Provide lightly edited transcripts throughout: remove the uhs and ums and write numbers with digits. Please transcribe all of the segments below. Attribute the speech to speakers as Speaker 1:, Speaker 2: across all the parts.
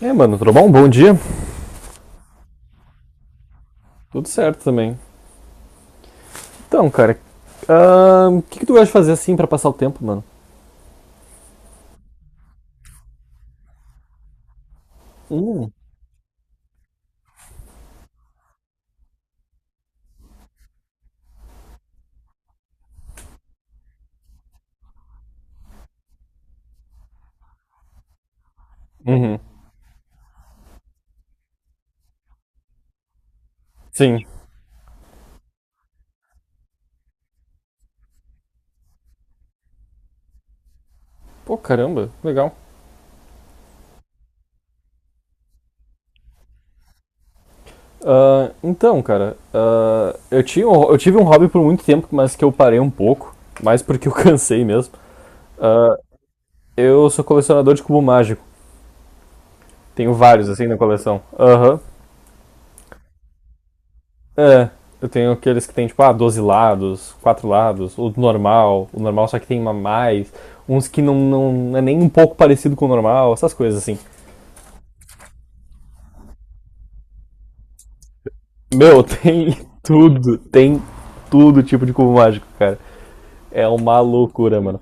Speaker 1: É, mano, tudo bom? Bom dia. Tudo certo também. Então, cara, o que que tu gosta de fazer assim pra passar o tempo, mano? Hum, Uhum. Sim. Pô, caramba, legal. Então, cara, eu tinha, eu tive um hobby por muito tempo, mas que eu parei um pouco, mais porque eu cansei mesmo. Ah, eu sou colecionador de cubo mágico. Tenho vários assim na coleção. Aham. É, eu tenho aqueles que tem, tipo, 12 lados, 4 lados, o normal só que tem uma mais, uns que não é nem um pouco parecido com o normal, essas coisas assim. Meu, tem tudo tipo de cubo mágico, cara. É uma loucura, mano.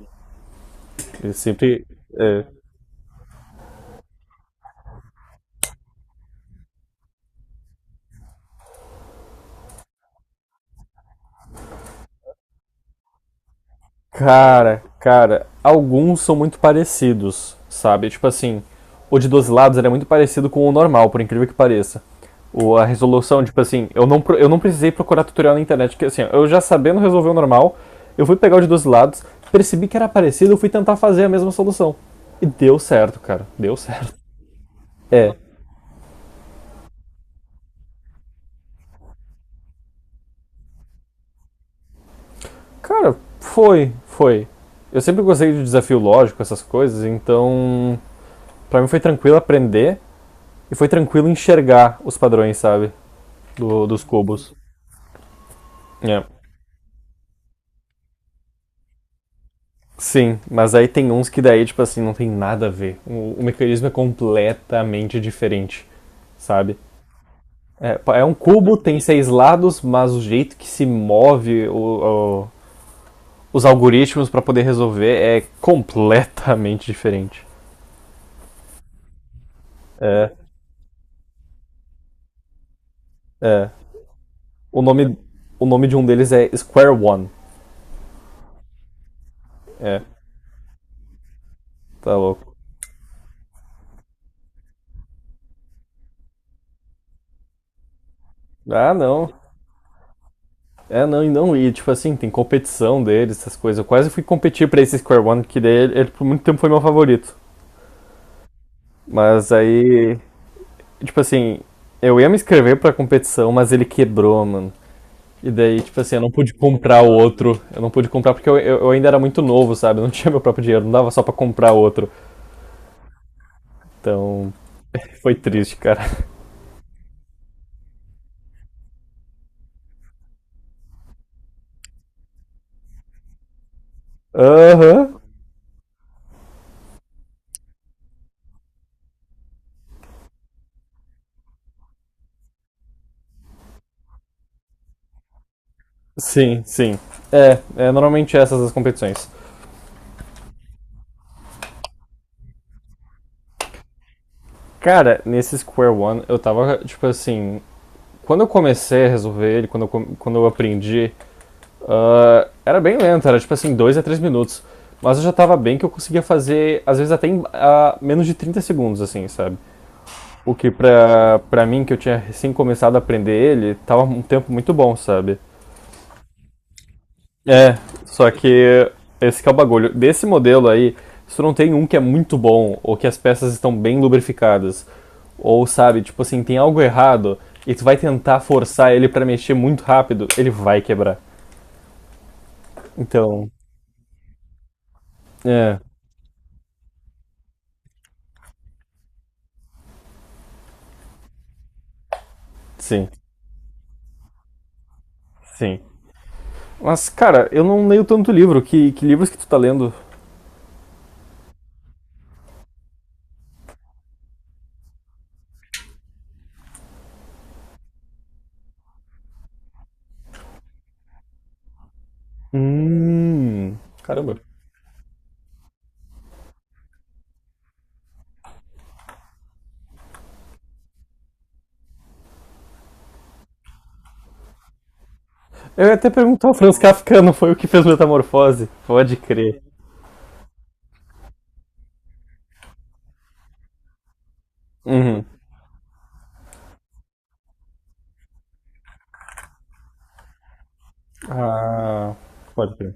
Speaker 1: Eu sempre. É. Cara, alguns são muito parecidos, sabe? Tipo assim, o de 12 lados ele é muito parecido com o normal, por incrível que pareça. O, a resolução, tipo assim, eu não precisei procurar tutorial na internet, porque assim, eu já sabendo resolver o normal, eu fui pegar o de 12 lados, percebi que era parecido, eu fui tentar fazer a mesma solução. E deu certo, cara, deu certo. É, cara, foi. Eu sempre gostei de desafio lógico, essas coisas, então pra mim foi tranquilo aprender. E foi tranquilo enxergar os padrões, sabe? Dos cubos. É. Sim, mas aí tem uns que daí, tipo assim, não tem nada a ver. O mecanismo é completamente diferente, sabe? É, é um cubo, tem 6 lados, mas o jeito que se move os algoritmos pra poder resolver é completamente diferente. É, é. O nome, o nome de um deles é Square One. É, tá louco. Ah, não. É, não, e não, e tipo assim, tem competição deles, essas coisas. Eu quase fui competir pra esse Square One, que daí ele por muito tempo foi meu favorito. Mas aí, tipo assim, eu ia me inscrever pra competição, mas ele quebrou, mano. E daí, tipo assim, eu não pude comprar o outro. Eu não pude comprar porque eu ainda era muito novo, sabe? Eu não tinha meu próprio dinheiro, não dava só pra comprar outro. Então, foi triste, cara. Aham. Sim, sim. É, normalmente é essas as competições. Cara, nesse Square One, eu tava, tipo assim, quando eu comecei a resolver ele, quando eu aprendi, era bem lento, era tipo assim, 2 a 3 minutos. Mas eu já tava bem que eu conseguia fazer, às vezes até em menos de 30 segundos, assim, sabe? O que pra mim, que eu tinha recém começado a aprender ele, tava um tempo muito bom, sabe? É, só que esse que é o bagulho. Desse modelo aí, se tu não tem um que é muito bom, ou que as peças estão bem lubrificadas, ou sabe, tipo assim, tem algo errado, e tu vai tentar forçar ele pra mexer muito rápido, ele vai quebrar. Então, é, sim, sim. Mas, cara, eu não leio tanto livro. Que livros que tu tá lendo? Hum, caramba. Eu ia até perguntar, o Franz Kafka não foi o que fez Metamorfose? Pode crer. Uhum. Ah, pode crer.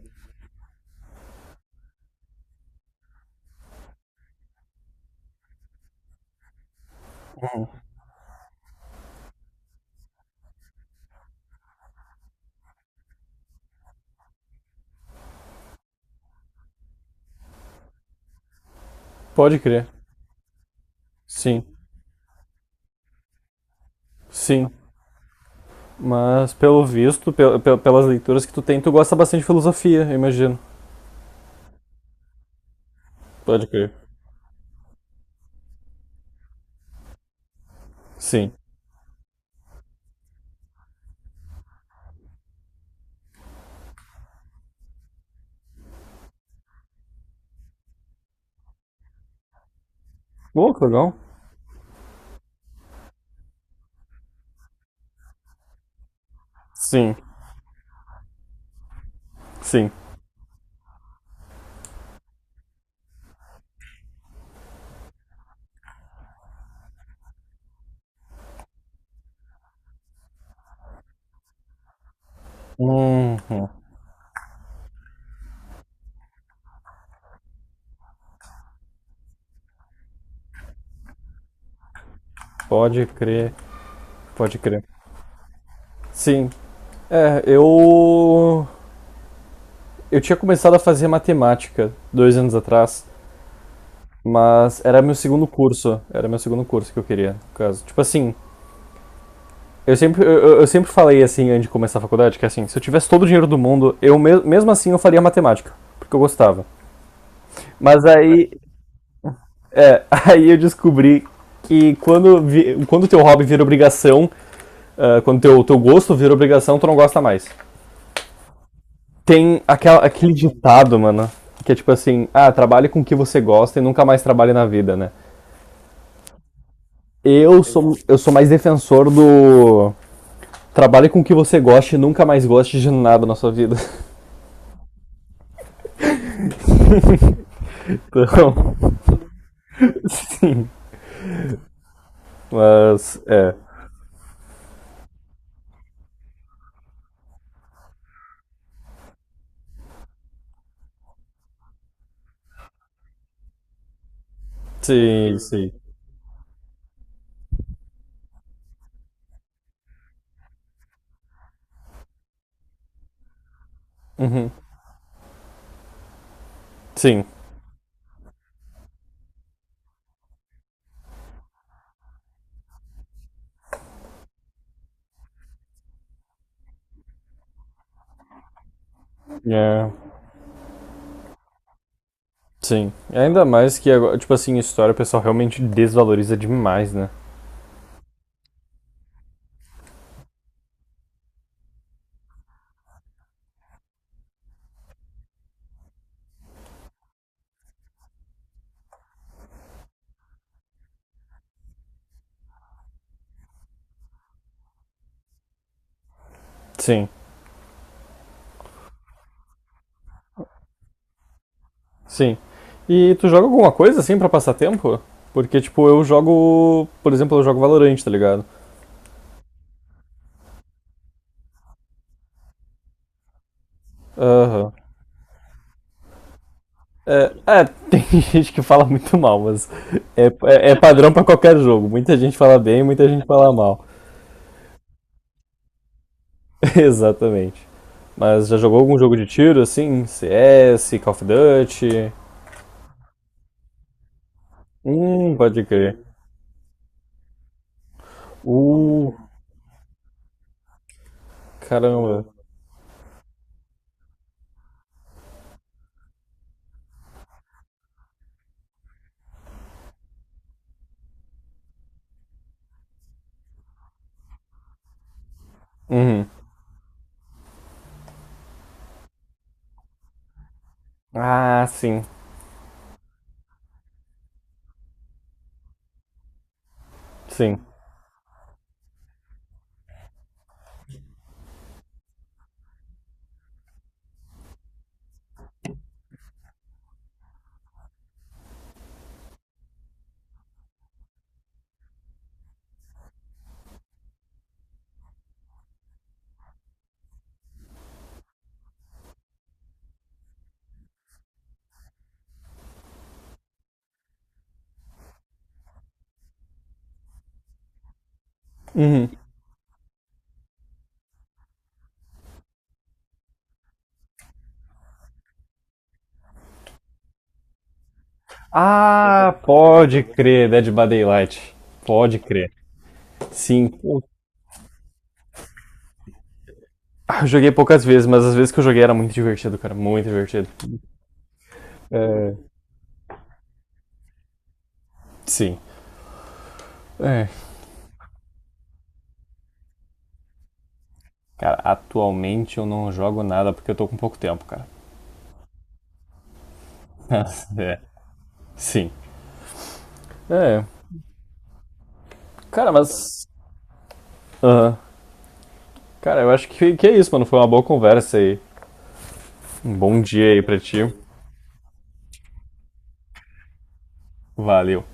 Speaker 1: Pode crer. Sim, sim. Mas pelo visto, pelas leituras que tu tem, tu gosta bastante de filosofia, eu imagino. Pode crer. Sim. Pô, que legal. Sim, sim. Hum, hum. Pode crer, pode crer. Sim. É, eu. Eu tinha começado a fazer matemática 2 anos atrás, mas era meu segundo curso. Era meu segundo curso que eu queria, no caso. Tipo assim, eu sempre falei assim antes de começar a faculdade, que assim, se eu tivesse todo o dinheiro do mundo, mesmo assim eu faria matemática, porque eu gostava. Mas aí, é, aí eu descobri que quando teu hobby vira obrigação, teu gosto vira obrigação, tu não gosta mais. Tem aquele ditado, mano, que é tipo assim, ah, trabalhe com o que você gosta e nunca mais trabalhe na vida, né? Eu sou mais defensor do trabalhe com o que você goste e nunca mais goste de nada na sua vida. Então, sim, mas, é. Sim, sim. Uhum, sim. É. Sim. Ainda mais que agora, tipo assim, história o pessoal realmente desvaloriza demais, né? Sim, sim. E tu joga alguma coisa assim pra passar tempo? Porque, tipo, eu jogo. Por exemplo, eu jogo Valorant, tá ligado? Aham. É, é, tem gente que fala muito mal, mas é padrão pra qualquer jogo. Muita gente fala bem, muita gente fala mal. Exatamente. Mas já jogou algum jogo de tiro, assim? CS, Call of Duty? Pode crer. Uh, caramba. Uhum. Ah, sim, sim. Uhum. Ah, pode crer, Dead by Daylight. Pode crer. Sim. Pô, ah, eu joguei poucas vezes, mas as vezes que eu joguei era muito divertido, cara. Muito divertido. Sim. É. Cara, atualmente eu não jogo nada porque eu tô com pouco tempo, cara. É. Sim. É. Cara, mas. Aham. Cara, eu acho que é isso, mano. Foi uma boa conversa aí. Um bom dia aí pra ti. Valeu.